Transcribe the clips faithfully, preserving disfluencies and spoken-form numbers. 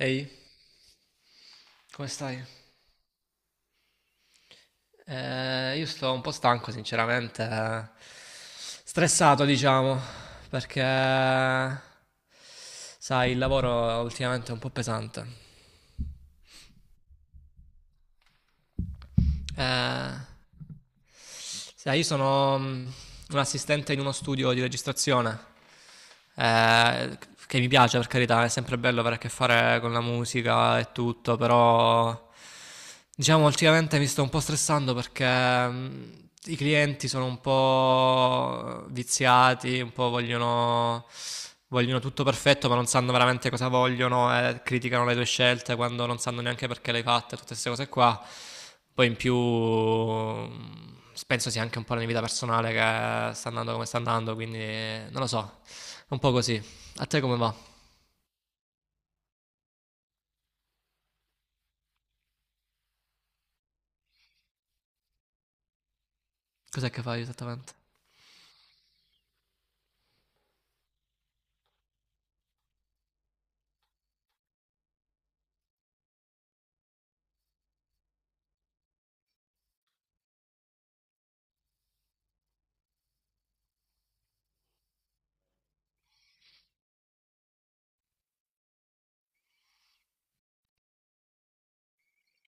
Ehi, come stai? Eh, io sto un po' stanco, sinceramente, eh, stressato, diciamo, perché, sai, il lavoro ultimamente è un po' pesante. Eh, Sai, io sono mm, un assistente in uno studio di registrazione, eh, che mi piace per carità, è sempre bello avere a che fare con la musica e tutto, però diciamo ultimamente mi sto un po' stressando perché mm, i clienti sono un po' viziati, un po' vogliono... Vogliono tutto perfetto, ma non sanno veramente cosa vogliono e criticano le tue scelte quando non sanno neanche perché le hai fatte, tutte queste cose qua. Poi in più mh, penso sia anche un po' la mia vita personale che sta andando come sta andando, quindi eh, non lo so, è un po' così. A te come va? Cos'è che fai esattamente?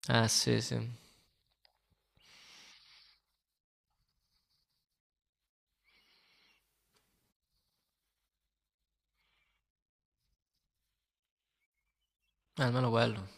Eh sì, sì, eh, almeno quello.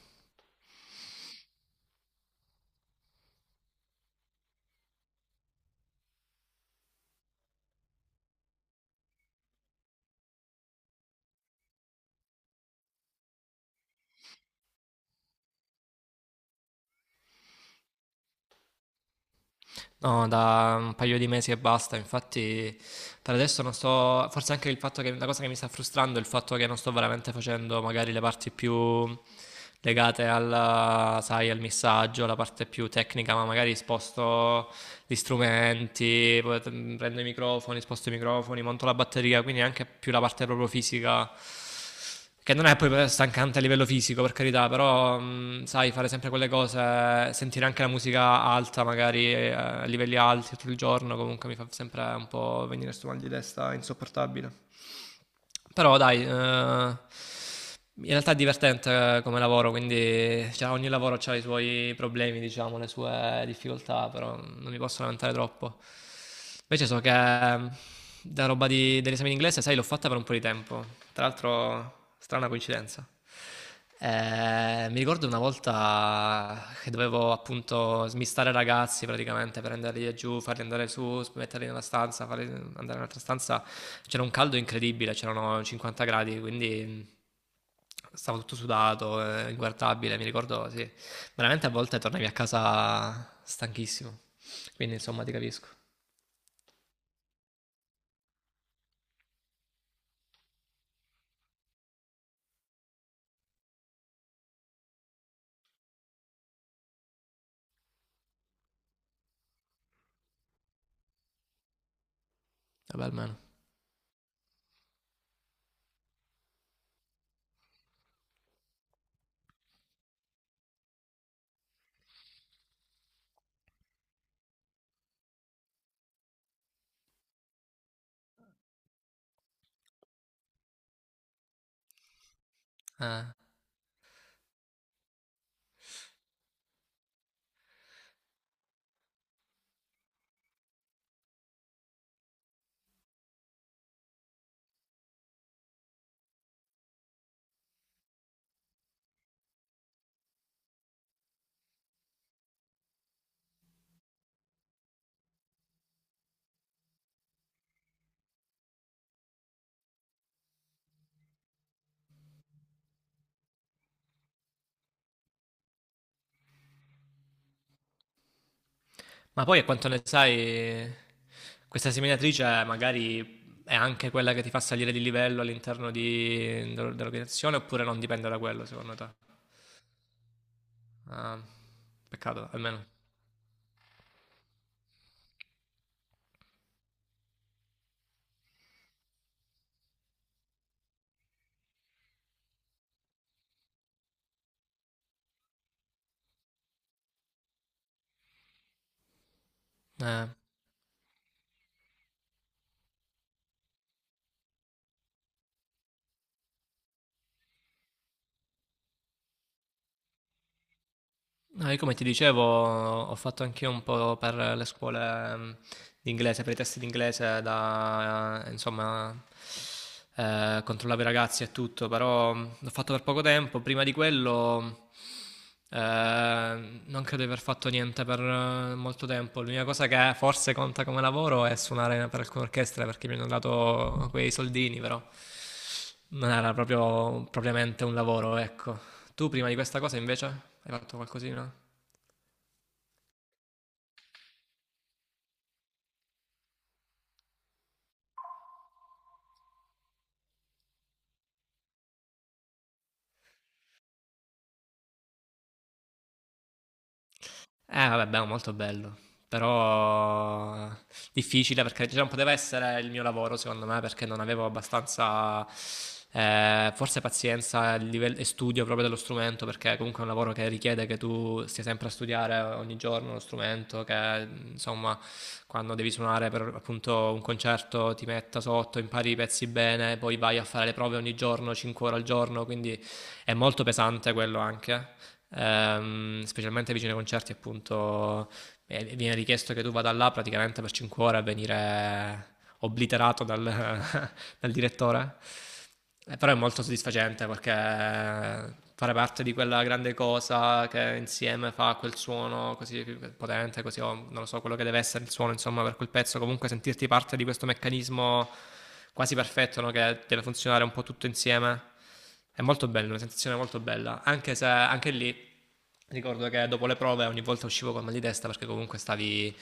No, da un paio di mesi e basta, infatti per adesso non sto, forse anche il fatto che la cosa che mi sta frustrando è il fatto che non sto veramente facendo magari le parti più legate al, sai, al missaggio, la parte più tecnica, ma magari sposto gli strumenti, poi t- prendo i microfoni, sposto i microfoni, monto la batteria, quindi anche più la parte proprio fisica che non è poi stancante a livello fisico, per carità, però mh, sai, fare sempre quelle cose, sentire anche la musica alta, magari eh, a livelli alti tutto il giorno, comunque mi fa sempre un po' venire sto mal di testa insopportabile. Però dai, eh, in realtà è divertente eh, come lavoro, quindi cioè, ogni lavoro ha i suoi problemi, diciamo, le sue difficoltà, però non mi posso lamentare troppo. Invece so che eh, da roba di- dell'esame in inglese, sai, l'ho fatta per un po' di tempo. Tra l'altro, strana coincidenza. Eh, mi ricordo una volta che dovevo appunto smistare ragazzi praticamente, prenderli giù, farli andare su, metterli nella stanza, farli andare in un'altra stanza. C'era un caldo incredibile, c'erano cinquanta gradi, quindi mm, stavo tutto sudato, eh, inguardabile. Mi ricordo, sì, veramente a volte tornavi a casa stanchissimo. Quindi insomma ti capisco. Vabbè, almeno. Eh. Ma poi a quanto ne sai, questa seminatrice magari è anche quella che ti fa salire di livello all'interno di- dell'organizzazione oppure non dipende da quello secondo te? Ah, peccato, almeno. Eh, No, io come ti dicevo, ho fatto anch'io un po' per le scuole mh, di inglese, per i test di inglese, da, eh, insomma, eh, controllavo i ragazzi e tutto, però mh, l'ho fatto per poco tempo. Prima di quello, eh, non credo di aver fatto niente per eh, molto tempo. L'unica cosa che forse conta come lavoro è suonare per alcune orchestre, perché mi hanno dato quei soldini, però non era proprio propriamente un lavoro, ecco. Tu prima di questa cosa invece hai fatto qualcosina? Eh, vabbè, beh, molto bello. Però difficile perché cioè, non poteva essere il mio lavoro, secondo me, perché non avevo abbastanza, eh, forse pazienza livello, e studio proprio dello strumento, perché comunque è un lavoro che richiede che tu stia sempre a studiare ogni giorno lo strumento, che insomma, quando devi suonare per appunto un concerto ti metta sotto, impari i pezzi bene, poi vai a fare le prove ogni giorno, cinque ore al giorno, quindi è molto pesante quello anche ehm, specialmente vicino ai concerti appunto eh, viene richiesto che tu vada là praticamente per cinque ore a venire obliterato dal, dal direttore. Eh, Però è molto soddisfacente perché fare parte di quella grande cosa che insieme fa quel suono così potente, così o non lo so, quello che deve essere il suono, insomma, per quel pezzo, comunque sentirti parte di questo meccanismo quasi perfetto, no? Che deve funzionare un po' tutto insieme. È molto bello, una sensazione molto bella, anche se anche lì ricordo che dopo le prove ogni volta uscivo col mal di testa perché comunque stavi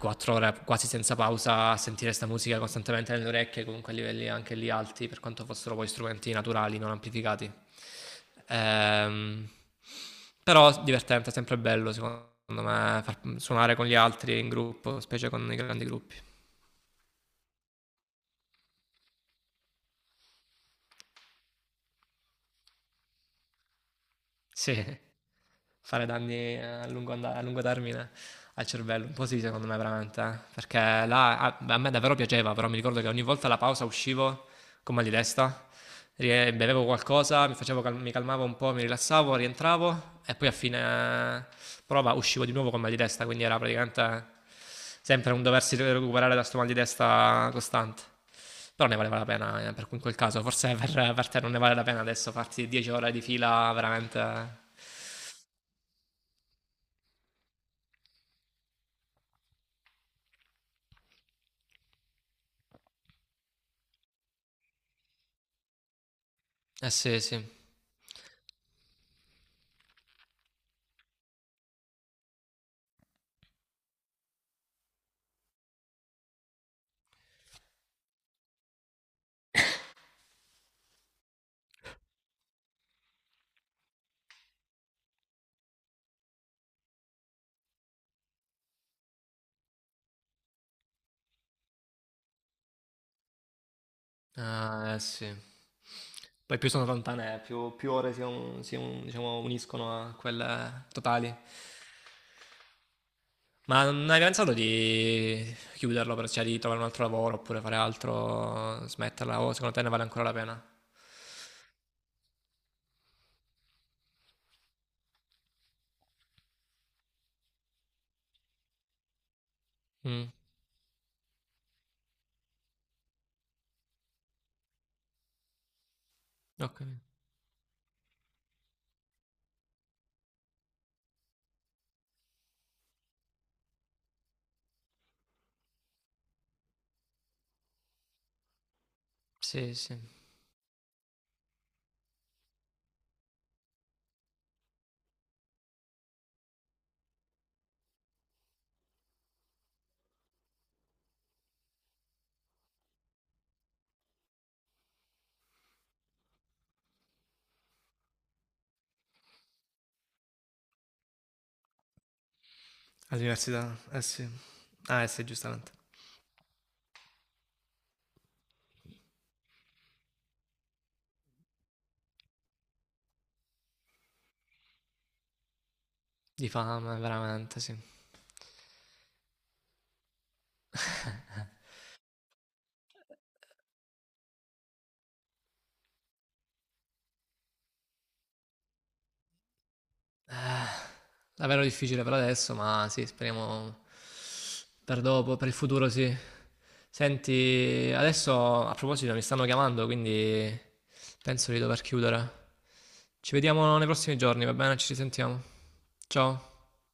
quattro ore quasi senza pausa a sentire questa musica costantemente nelle orecchie, comunque a livelli anche lì alti, per quanto fossero poi strumenti naturali, non amplificati. Ehm, Però divertente, sempre bello secondo me far- suonare con gli altri in gruppo, specie con i grandi gruppi. Sì. Fare danni eh, a lungo, and- a lungo termine al cervello. Un po' sì, secondo me, veramente. Eh. Perché là a, a me davvero piaceva, però mi ricordo che ogni volta alla pausa uscivo con mal di testa, rie- bevevo qualcosa, mi, facevo cal- mi calmavo un po', mi rilassavo, rientravo e poi a fine eh, prova uscivo di nuovo con mal di testa, quindi era praticamente sempre un doversi recuperare da sto mal di testa costante. Però ne valeva la pena eh, per in quel caso, forse per, per te non ne vale la pena adesso farti dieci ore di fila veramente. Eh sì, sì. Ah, eh sì. Poi più sono lontane, eh, più, più ore si, un- si un- diciamo, uniscono a quelle totali. Ma non hai pensato di chiuderlo, per, cioè di trovare un altro lavoro oppure fare altro, smetterla? O secondo te ne vale ancora la pena? Mm, ho capito. Sì, sì. All'università, eh sì. Ah, eh sì, giustamente. Di fame, veramente, sì. Davvero difficile per adesso, ma sì, speriamo per dopo, per il futuro sì. Senti, adesso a proposito mi stanno chiamando, quindi penso di dover chiudere. Ci vediamo nei prossimi giorni, va bene? Ci risentiamo. Ciao.